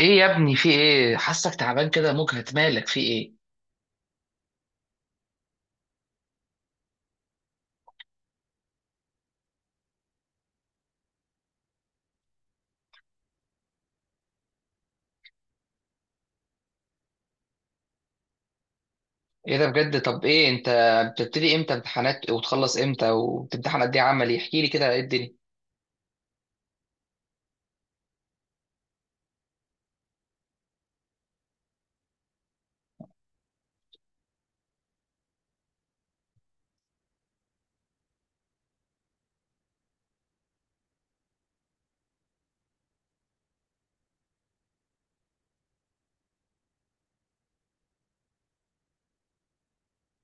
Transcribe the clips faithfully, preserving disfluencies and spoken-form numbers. ايه يا ابني، في ايه؟ حاسك تعبان كده، مجهد، مالك؟ في ايه؟ ايه ده بجد؟ طب ايه انت بتبتدي امتى امتحانات وتخلص امتى وبتمتحن قد ايه عملي؟ احكي لي كده ايه الدنيا.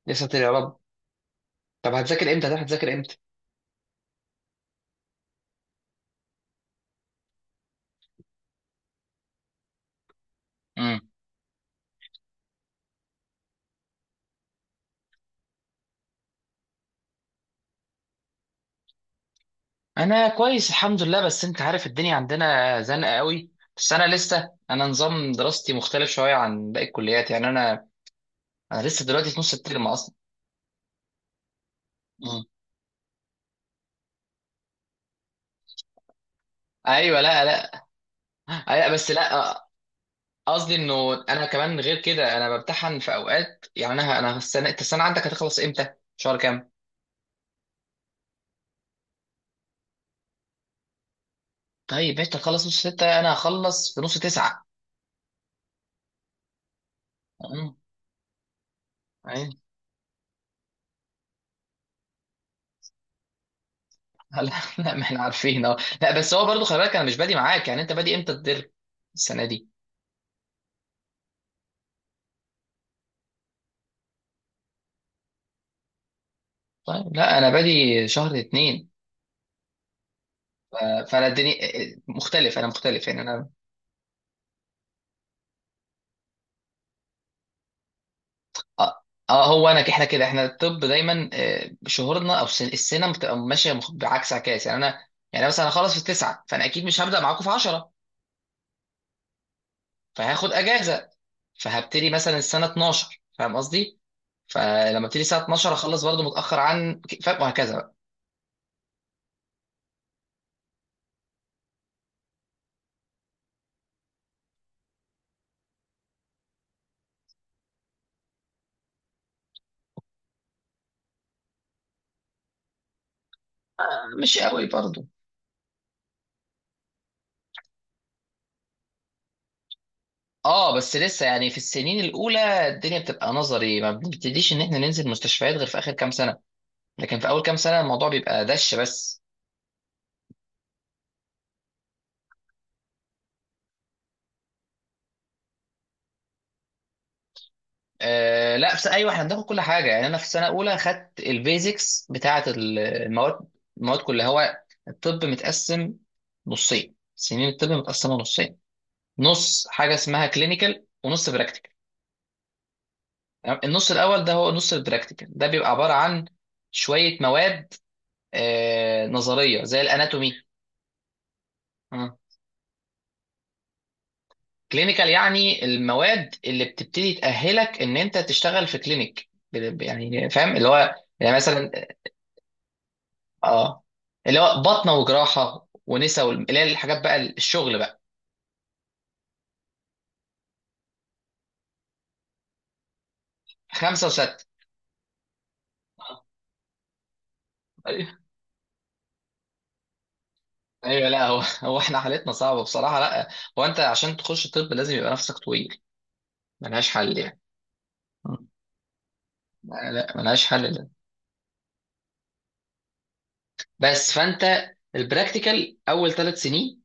لسه يا رب. طب هتذاكر امتى؟ ده هتذاكر امتى امم انا كويس الحمد لله، بس انت عارف الدنيا عندنا زنقه قوي. بس انا لسه، انا نظام دراستي مختلف شويه عن باقي الكليات، يعني انا انا لسه دلوقتي في نص الترم اصلا. امم ايوه، لا لا أيوة بس لا. قصدي انه انا كمان غير كده انا بمتحن في اوقات، يعني انا انا السنه، انت السنه عندك هتخلص امتى، شهر كام؟ طيب انت تخلص نص ستة، انا هخلص في نص تسعة. أمم، أيوة. لا، لا ما احنا عارفين اه. لا بس هو برضو خلي بالك انا مش بادي معاك، يعني انت بادي امتى الدر السنه دي؟ طيب لا انا بادي شهر اتنين. ف- فانا الدنيا مختلف، انا مختلف يعني انا. اه، آه، هو انا احنا كده احنا الطب دايما، آه، شهورنا او سن- السنه بتبقى ماشيه مخ- بعكس عكاس يعني انا. يعني مثلا هخلص في التسعه فانا اكيد مش هبدا معاكم في عشرة، فهاخد اجازه، فهبتدي مثلا السنه اتناشر، فاهم قصدي؟ فلما ابتدي الساعه اتناشر اخلص برضه متاخر، عن فاهم وهكذا بقى. آه، مش قوي برضه. اه بس لسه يعني في السنين الاولى الدنيا بتبقى نظري، ما بنبتديش ان احنا ننزل مستشفيات غير في اخر كام سنه، لكن في اول كام سنه الموضوع بيبقى دش بس. آه لا، بس ايوه احنا بناخد كل حاجه، يعني انا في سنه اولى خدت البيزكس بتاعه ال- المواد. المواد كلها، هو الطب متقسم نصين سنين، الطب متقسمه نصين. نص حاجه اسمها كلينيكال ونص براكتيكال. النص الاول ده هو نص البراكتيكال، ده بيبقى عباره عن شويه مواد آه نظريه زي الاناتومي. آه. كلينيكال يعني المواد اللي بتبتدي تاهلك ان انت تشتغل في كلينيك، يعني فاهم اللي هو يعني مثلا. اه، اللي هو بطنه وجراحه ونسا وال- اللي هي الحاجات بقى الشغل بقى. خمسه وسته. آه. ايوه ايوه. لا هو هو احنا حالتنا صعبه بصراحه. لا هو انت عشان تخش طب لازم يبقى نفسك طويل، ملهاش حل يعني. م. لا ملهاش حل ده. بس فانت البراكتيكال اول ثلاث سنين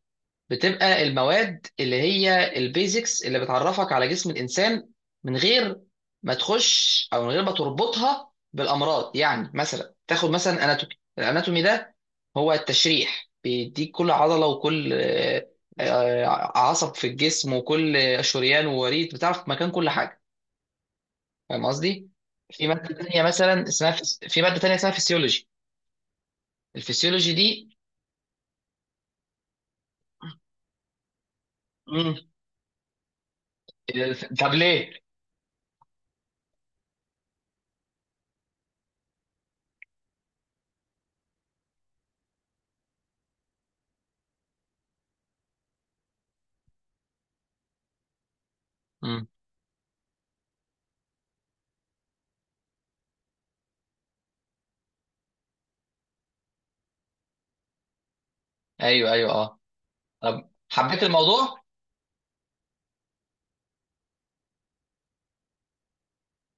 بتبقى المواد اللي هي البيزكس، اللي بتعرفك على جسم الانسان من غير ما تخش، او من غير ما تربطها بالامراض. يعني مثلا تاخد مثلا اناتومي، الاناتومي ده هو التشريح، بيديك كل عضله وكل آه، آه، عصب في الجسم وكل شريان ووريد، بتعرف مكان كل حاجه، فاهم قصدي؟ في ماده تانية مثلا اسمها فيس- في ماده تانية اسمها فيسيولوجي. الفيسيولوجي دي. مم. الف- طب ليه؟ مم. ايوه ايوه اه. طب حبيت الموضوع؟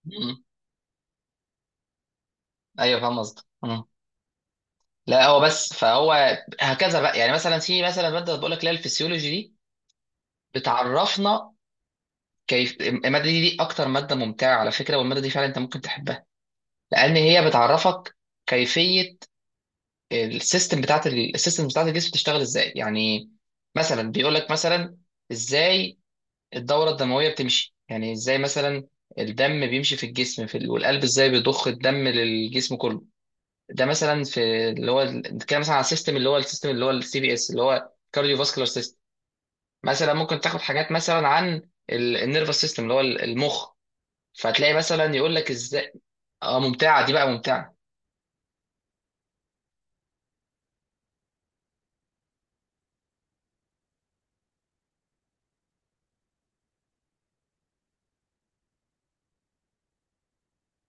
مم. ايوه فاهم قصدك. مم. لا هو بس فهو هكذا بقى. يعني مثلا في مثلا ماده بقول لك اللي هي الفسيولوجي دي، بتعرفنا كيف الماده دي، دي اكتر ماده ممتعه على فكره، والماده دي فعلا انت ممكن تحبها، لان هي بتعرفك كيفيه السيستم بتاعت ال- السيستم بتاعت الجسم بتشتغل ازاي. يعني مثلا بيقول لك مثلا ازاي الدوره الدمويه بتمشي، يعني ازاي مثلا الدم بيمشي في الجسم في ال- والقلب ازاي بيضخ الدم للجسم كله. ده مثلا في اللي هو كده مثلا على السيستم اللي هو السيستم اللي هو السي بي اس اللي هو كارديو فاسكولار سيستم. مثلا ممكن تاخد حاجات مثلا عن النيرفس سيستم اللي هو ال- المخ. فتلاقي مثلا يقول لك ازاي. اه ممتعه دي بقى ممتعه.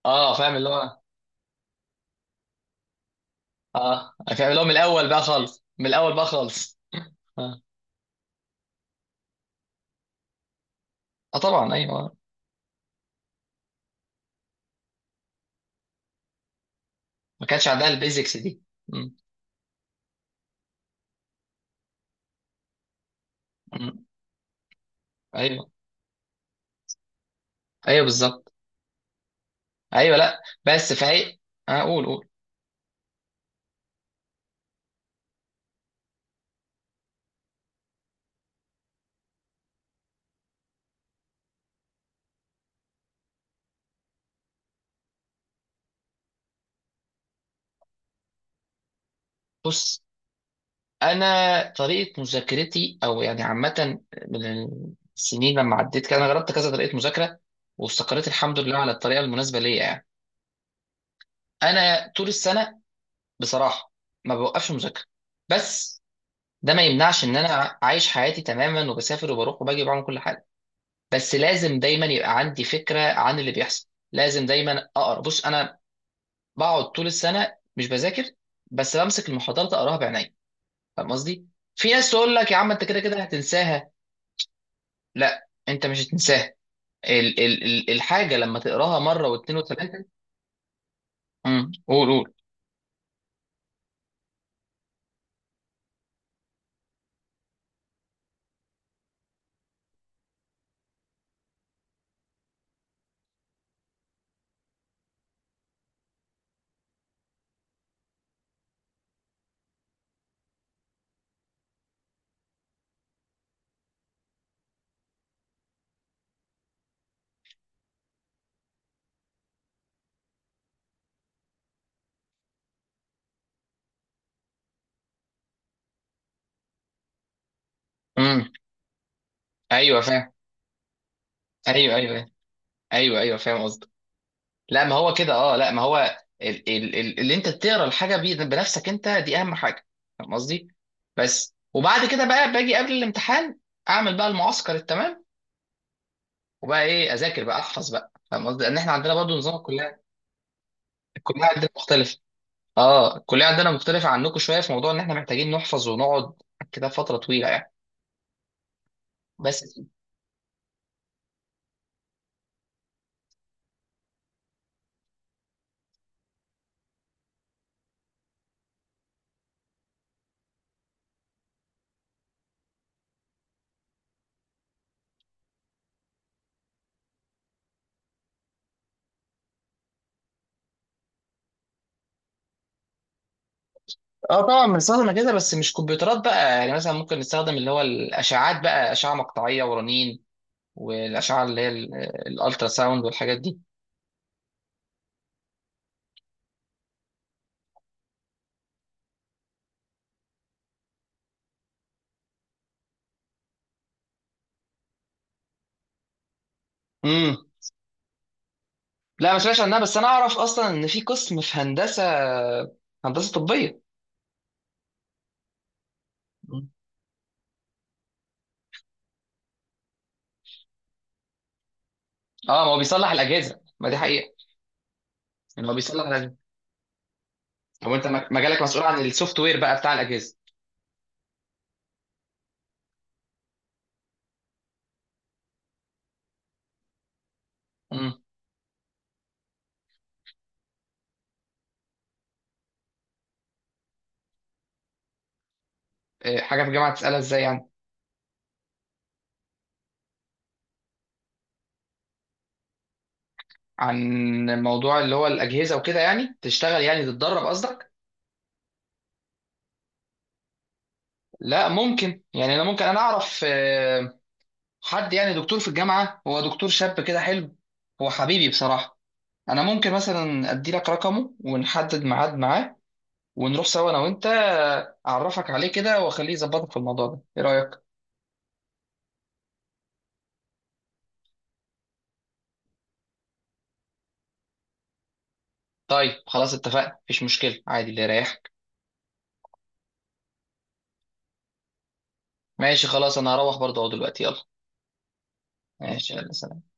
اه فاهم اللي هو. اه فاهم اللي هو من الاول بقى خالص، من الاول بقى خالص. اه. آه طبعا ايوه. ما كانش عندها البيزكس دي. مم. مم. ايوه ايوه بالظبط. ايوه لا بس فهي. آه قول قول. بص، انا طريقه مذاكرتي او يعني عامه من السنين، لما عديت كده انا جربت كذا طريقه مذاكره، واستقريت الحمد لله على الطريقه المناسبه ليا يعني. انا طول السنه بصراحه ما بوقفش مذاكره، بس ده ما يمنعش ان انا عايش حياتي تماما، وبسافر وبروح وباجي وبعمل كل حاجه. بس لازم دايما يبقى عندي فكره عن اللي بيحصل، لازم دايما اقرا. بص انا بقعد طول السنه مش بذاكر، بس بمسك المحاضرات اقراها بعيني، فاهم قصدي؟ في ناس تقول لك يا عم انت كده كده هتنساها، لا انت مش هتنساها. ال ال ال الحاجه لما تقراها مره واثنين وثلاثه. امم قول قول. امم. ايوه فاهم. ايوه ايوه. ايوه ايوه فاهم قصدك. لا ما هو كده اه، لا ما هو ال ال ال اللي انت تقرا الحاجه بي- بنفسك انت، دي اهم حاجه، فاهم قصدي؟ بس وبعد كده بقى باجي قبل الامتحان اعمل بقى المعسكر التمام. وبقى ايه اذاكر بقى احفظ بقى، فاهم قصدي؟ لان احنا عندنا برضو نظام الكليه. الكليه عندنا مختلف، اه الكليه عندنا مختلفه عنكم شويه في موضوع ان احنا محتاجين نحفظ ونقعد كده فتره طويله يعني. بس اه طبعا بنستخدم كده بس مش كمبيوترات بقى، يعني مثلا ممكن نستخدم اللي هو الاشعاعات بقى، اشعه مقطعيه ورنين والاشعه اللي هي ال- الالترا ساوند والحاجات دي. امم. لا ما سمعتش عنها، بس انا اعرف اصلا ان في قسم في هندسه هندسه طبيه. مم. اه ما هو بيصلح الاجهزه، ما دي حقيقه، يعني هو بيصلح الاجهزه. هو انت مج- مجالك مسؤول عن السوفت وير بقى بتاع الاجهزه. امم. إيه، حاجه في الجامعه تسالها ازاي يعني؟ عن موضوع اللي هو الاجهزه وكده، يعني تشتغل يعني تتدرب قصدك؟ لا ممكن، يعني انا ممكن انا اعرف آه، حد يعني دكتور في الجامعه، هو دكتور شاب كده حلو، هو حبيبي بصراحه. انا ممكن مثلا ادي لك رقمه ونحدد ميعاد معاه، ونروح سوا انا وانت، آه، اعرفك عليه كده واخليه يظبطك في الموضوع ده، ايه رايك؟ طيب خلاص اتفقنا، مفيش مشكله عادي، اللي يريحك. ماشي خلاص انا هروح برضه اهو دلوقتي، يلا. ماشي يلا سلام.